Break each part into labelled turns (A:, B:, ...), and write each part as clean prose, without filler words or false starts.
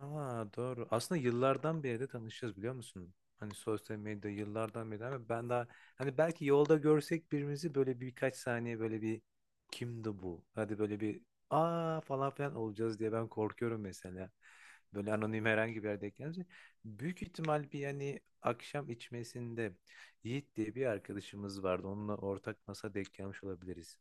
A: Aa, doğru. Aslında yıllardan beri de tanışıyoruz biliyor musun? Hani sosyal medya yıllardan beri ama ben daha hani belki yolda görsek birimizi böyle birkaç saniye böyle bir kimdi bu? Hadi böyle bir aa falan filan olacağız diye ben korkuyorum mesela. Böyle anonim herhangi bir yerde gelince. Büyük ihtimal bir yani akşam içmesinde Yiğit diye bir arkadaşımız vardı. Onunla ortak masa denk gelmiş olabiliriz.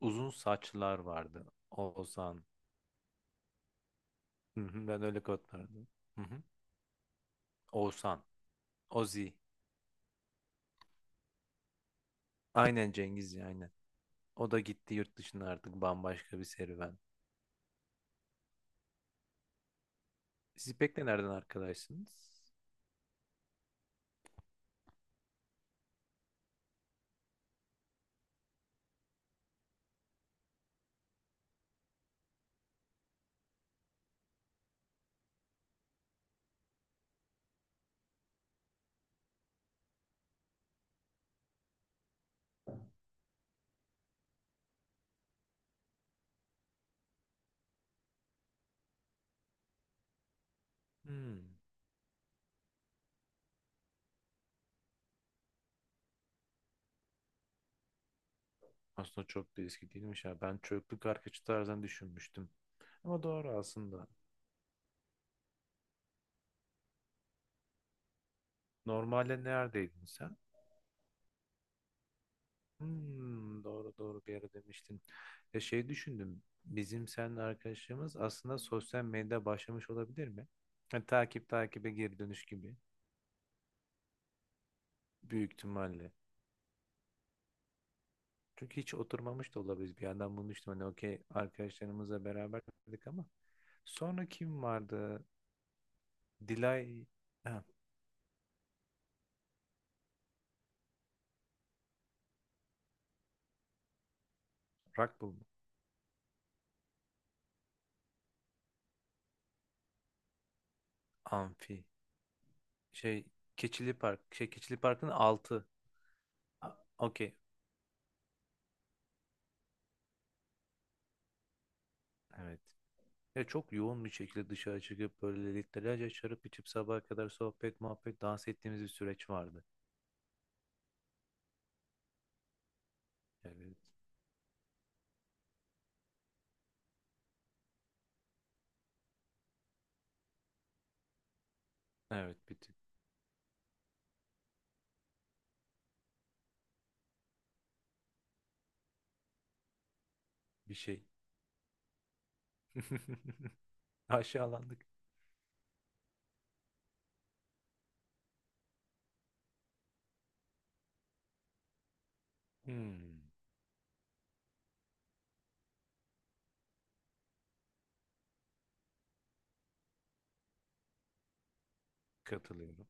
A: Uzun saçlar vardı. Oğuzhan. Hı hı, ben öyle kodlardım. Hı hı. Oğuzhan. Ozi. Aynen Cengiz ya aynen. O da gitti yurt dışına artık bambaşka bir serüven. Siz pek de nereden arkadaşsınız? Hmm. Aslında çok da eski değilmiş ya. Ben çocukluk arkadaşı tarzından düşünmüştüm. Ama doğru aslında. Normalde neredeydin sen? Hmm, doğru doğru bir ara demiştin. Ya şey düşündüm. Bizim seninle arkadaşlığımız aslında sosyal medyada başlamış olabilir mi? Yani takip takibe geri dönüş gibi. Büyük ihtimalle. Çünkü hiç oturmamış da olabiliriz. Bir yandan bunu düşündüm. Hani okey arkadaşlarımızla beraber dedik ama sonra kim vardı? Dilay ha, Rockpool mu? Amfi şey Keçili Park şey Keçili Park'ın altı. A- Okey. Evet. Ya çok yoğun bir şekilde dışarı çıkıp böyle litrelerce şarap içip sabaha kadar sohbet, muhabbet, dans ettiğimiz bir süreç vardı. Evet. Evet bir tık bir şey. Aşağılandık. Hmm, katılıyorum.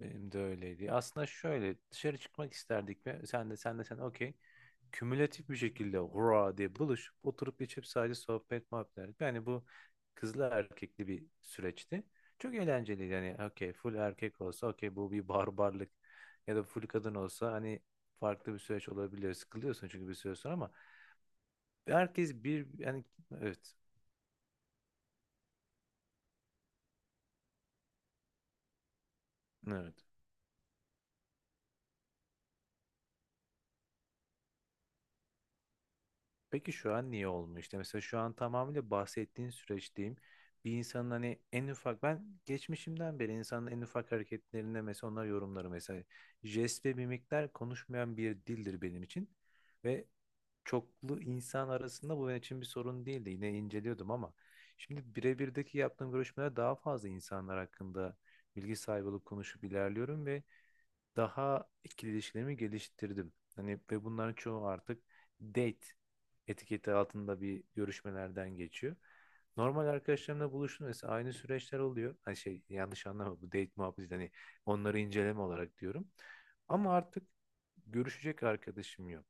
A: Benim de öyleydi. Aslında şöyle dışarı çıkmak isterdik ve sen okey. Kümülatif bir şekilde hurra diye buluşup oturup içip sadece sohbet muhabbet ederdik. Yani bu kızlı erkekli bir süreçti. Çok eğlenceliydi. Yani okey full erkek olsa okey bu bir barbarlık ya da full kadın olsa hani farklı bir süreç olabiliyor. Sıkılıyorsun çünkü bir süre sonra ama herkes bir yani evet. Evet. Peki şu an niye olmuyor? İşte mesela şu an tamamıyla bahsettiğin süreçteyim. Bir insanın hani en ufak ben geçmişimden beri insanın en ufak hareketlerinde mesela onlar yorumları mesela jest ve mimikler konuşmayan bir dildir benim için ve çoklu insan arasında bu benim için bir sorun değildi. Yine inceliyordum ama şimdi birebirdeki yaptığım görüşmeler daha fazla insanlar hakkında bilgi sahibi olup konuşup ilerliyorum ve daha ikili ilişkilerimi geliştirdim. Hani ve bunların çoğu artık date etiketi altında bir görüşmelerden geçiyor. Normal arkadaşlarımla buluştum mesela aynı süreçler oluyor. Hani şey yanlış anlama bu date muhabbeti hani onları inceleme olarak diyorum. Ama artık görüşecek arkadaşım yok.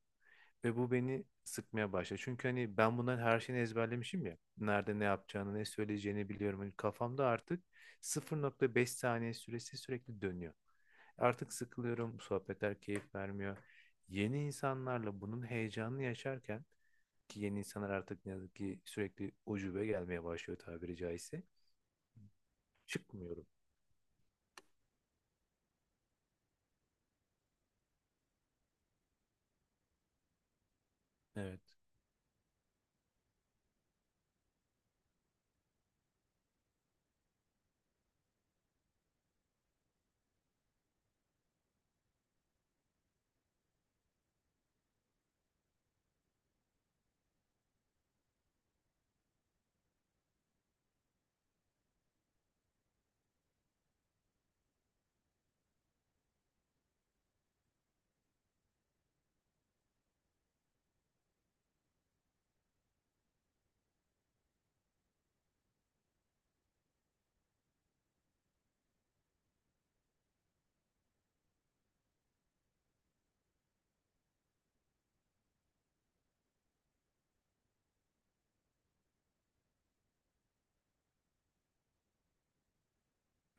A: Ve bu beni sıkmaya başladı. Çünkü hani ben bunların her şeyini ezberlemişim ya. Nerede ne yapacağını, ne söyleyeceğini biliyorum. Hani kafamda artık 0,5 saniye süresi sürekli dönüyor. Artık sıkılıyorum, bu sohbetler keyif vermiyor. Yeni insanlarla bunun heyecanını yaşarken ki yeni insanlar artık ne yazık ki sürekli ucube gelmeye başlıyor tabiri caizse. Çıkmıyorum. Evet,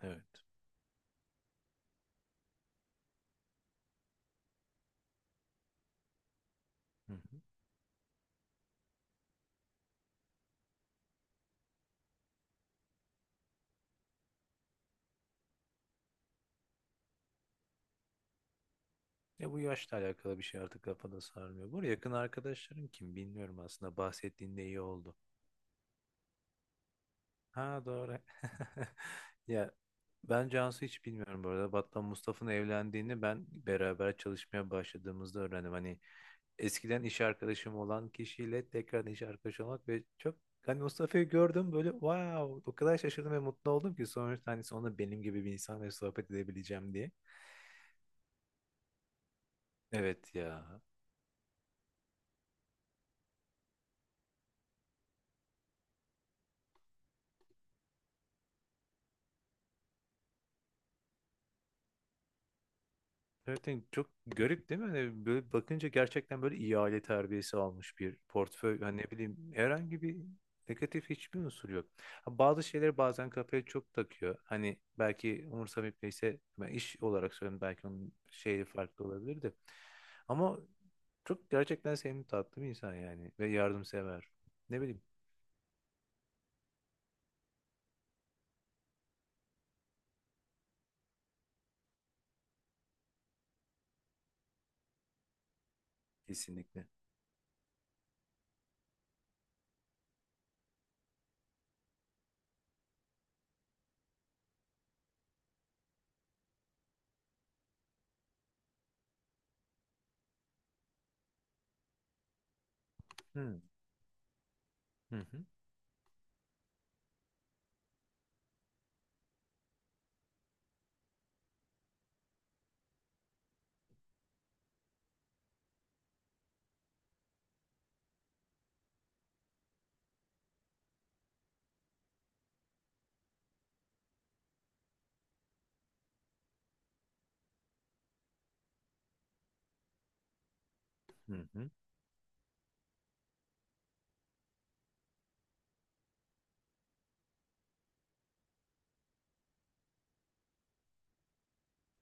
A: evet. Hı hı. Ya bu yaşla alakalı bir şey artık kafada sarmıyor. Bu arada yakın arkadaşların kim bilmiyorum aslında bahsettiğinde iyi oldu. Ha doğru. Ya ben Cansu hiç bilmiyorum bu arada. Battal Mustafa'nın evlendiğini ben beraber çalışmaya başladığımızda öğrendim. Hani eskiden iş arkadaşım olan kişiyle tekrar iş arkadaşı olmak ve çok hani Mustafa'yı gördüm böyle wow o kadar şaşırdım ve mutlu oldum ki sonuçta hani sonunda benim gibi bir insanla sohbet edebileceğim diye. Evet ya. Gerçekten çok garip değil mi? Hani böyle bakınca gerçekten böyle iyi aile terbiyesi almış bir portföy. Hani ne bileyim herhangi bir negatif hiçbir unsur yok. Ha, bazı şeyleri bazen kafaya çok takıyor. Hani belki umursamayıp neyse ben iş olarak söylüyorum belki onun şeyi farklı olabilir de. Ama çok gerçekten sevimli tatlı bir insan yani ve yardımsever. Ne bileyim. Kesinlikle. Hı hı hı. Hı.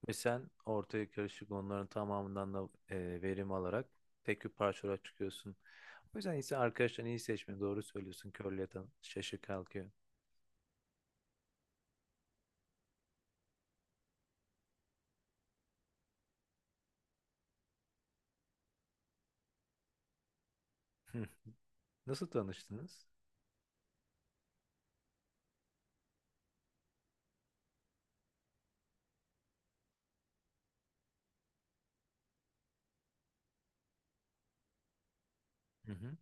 A: Ve sen ortaya karışık onların tamamından da verim alarak tek bir parçalara çıkıyorsun. O yüzden ise arkadaşlarını iyi seçme. Doğru söylüyorsun. Körle yatan şaşı kalkıyor. Hı. Nasıl tanıştınız? Hı hı.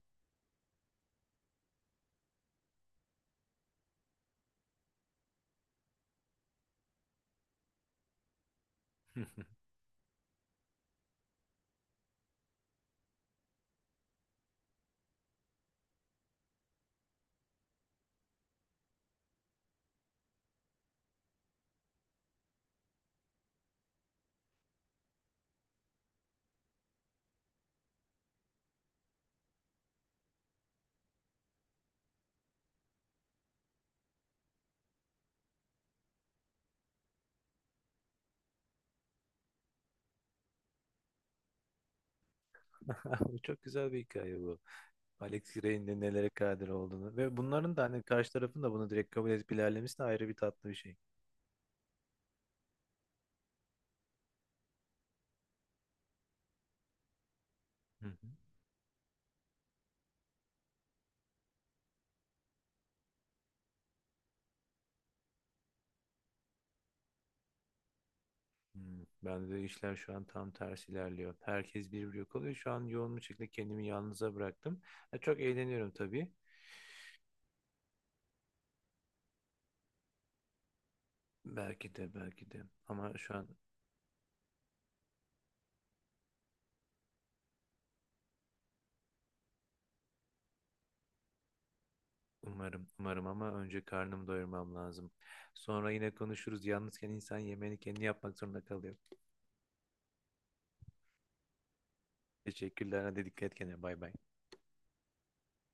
A: Bu çok güzel bir hikaye bu. Alex Gray'in de nelere kadir olduğunu ve bunların da hani karşı tarafın da bunu direkt kabul edip ilerlemesi de ayrı bir tatlı bir şey. Hı hı. Hmm, bende de işler şu an tam tersi ilerliyor. Herkes birbiri yok oluyor. Şu an yoğun bir şekilde kendimi yalnıza bıraktım. Ya çok eğleniyorum tabii. Belki de belki de ama şu an umarım umarım ama önce karnımı doyurmam lazım. Sonra yine konuşuruz. Yalnızken insan yemeğini kendi yapmak zorunda kalıyor. Teşekkürler. Hadi dikkat et kendine. Bay bay.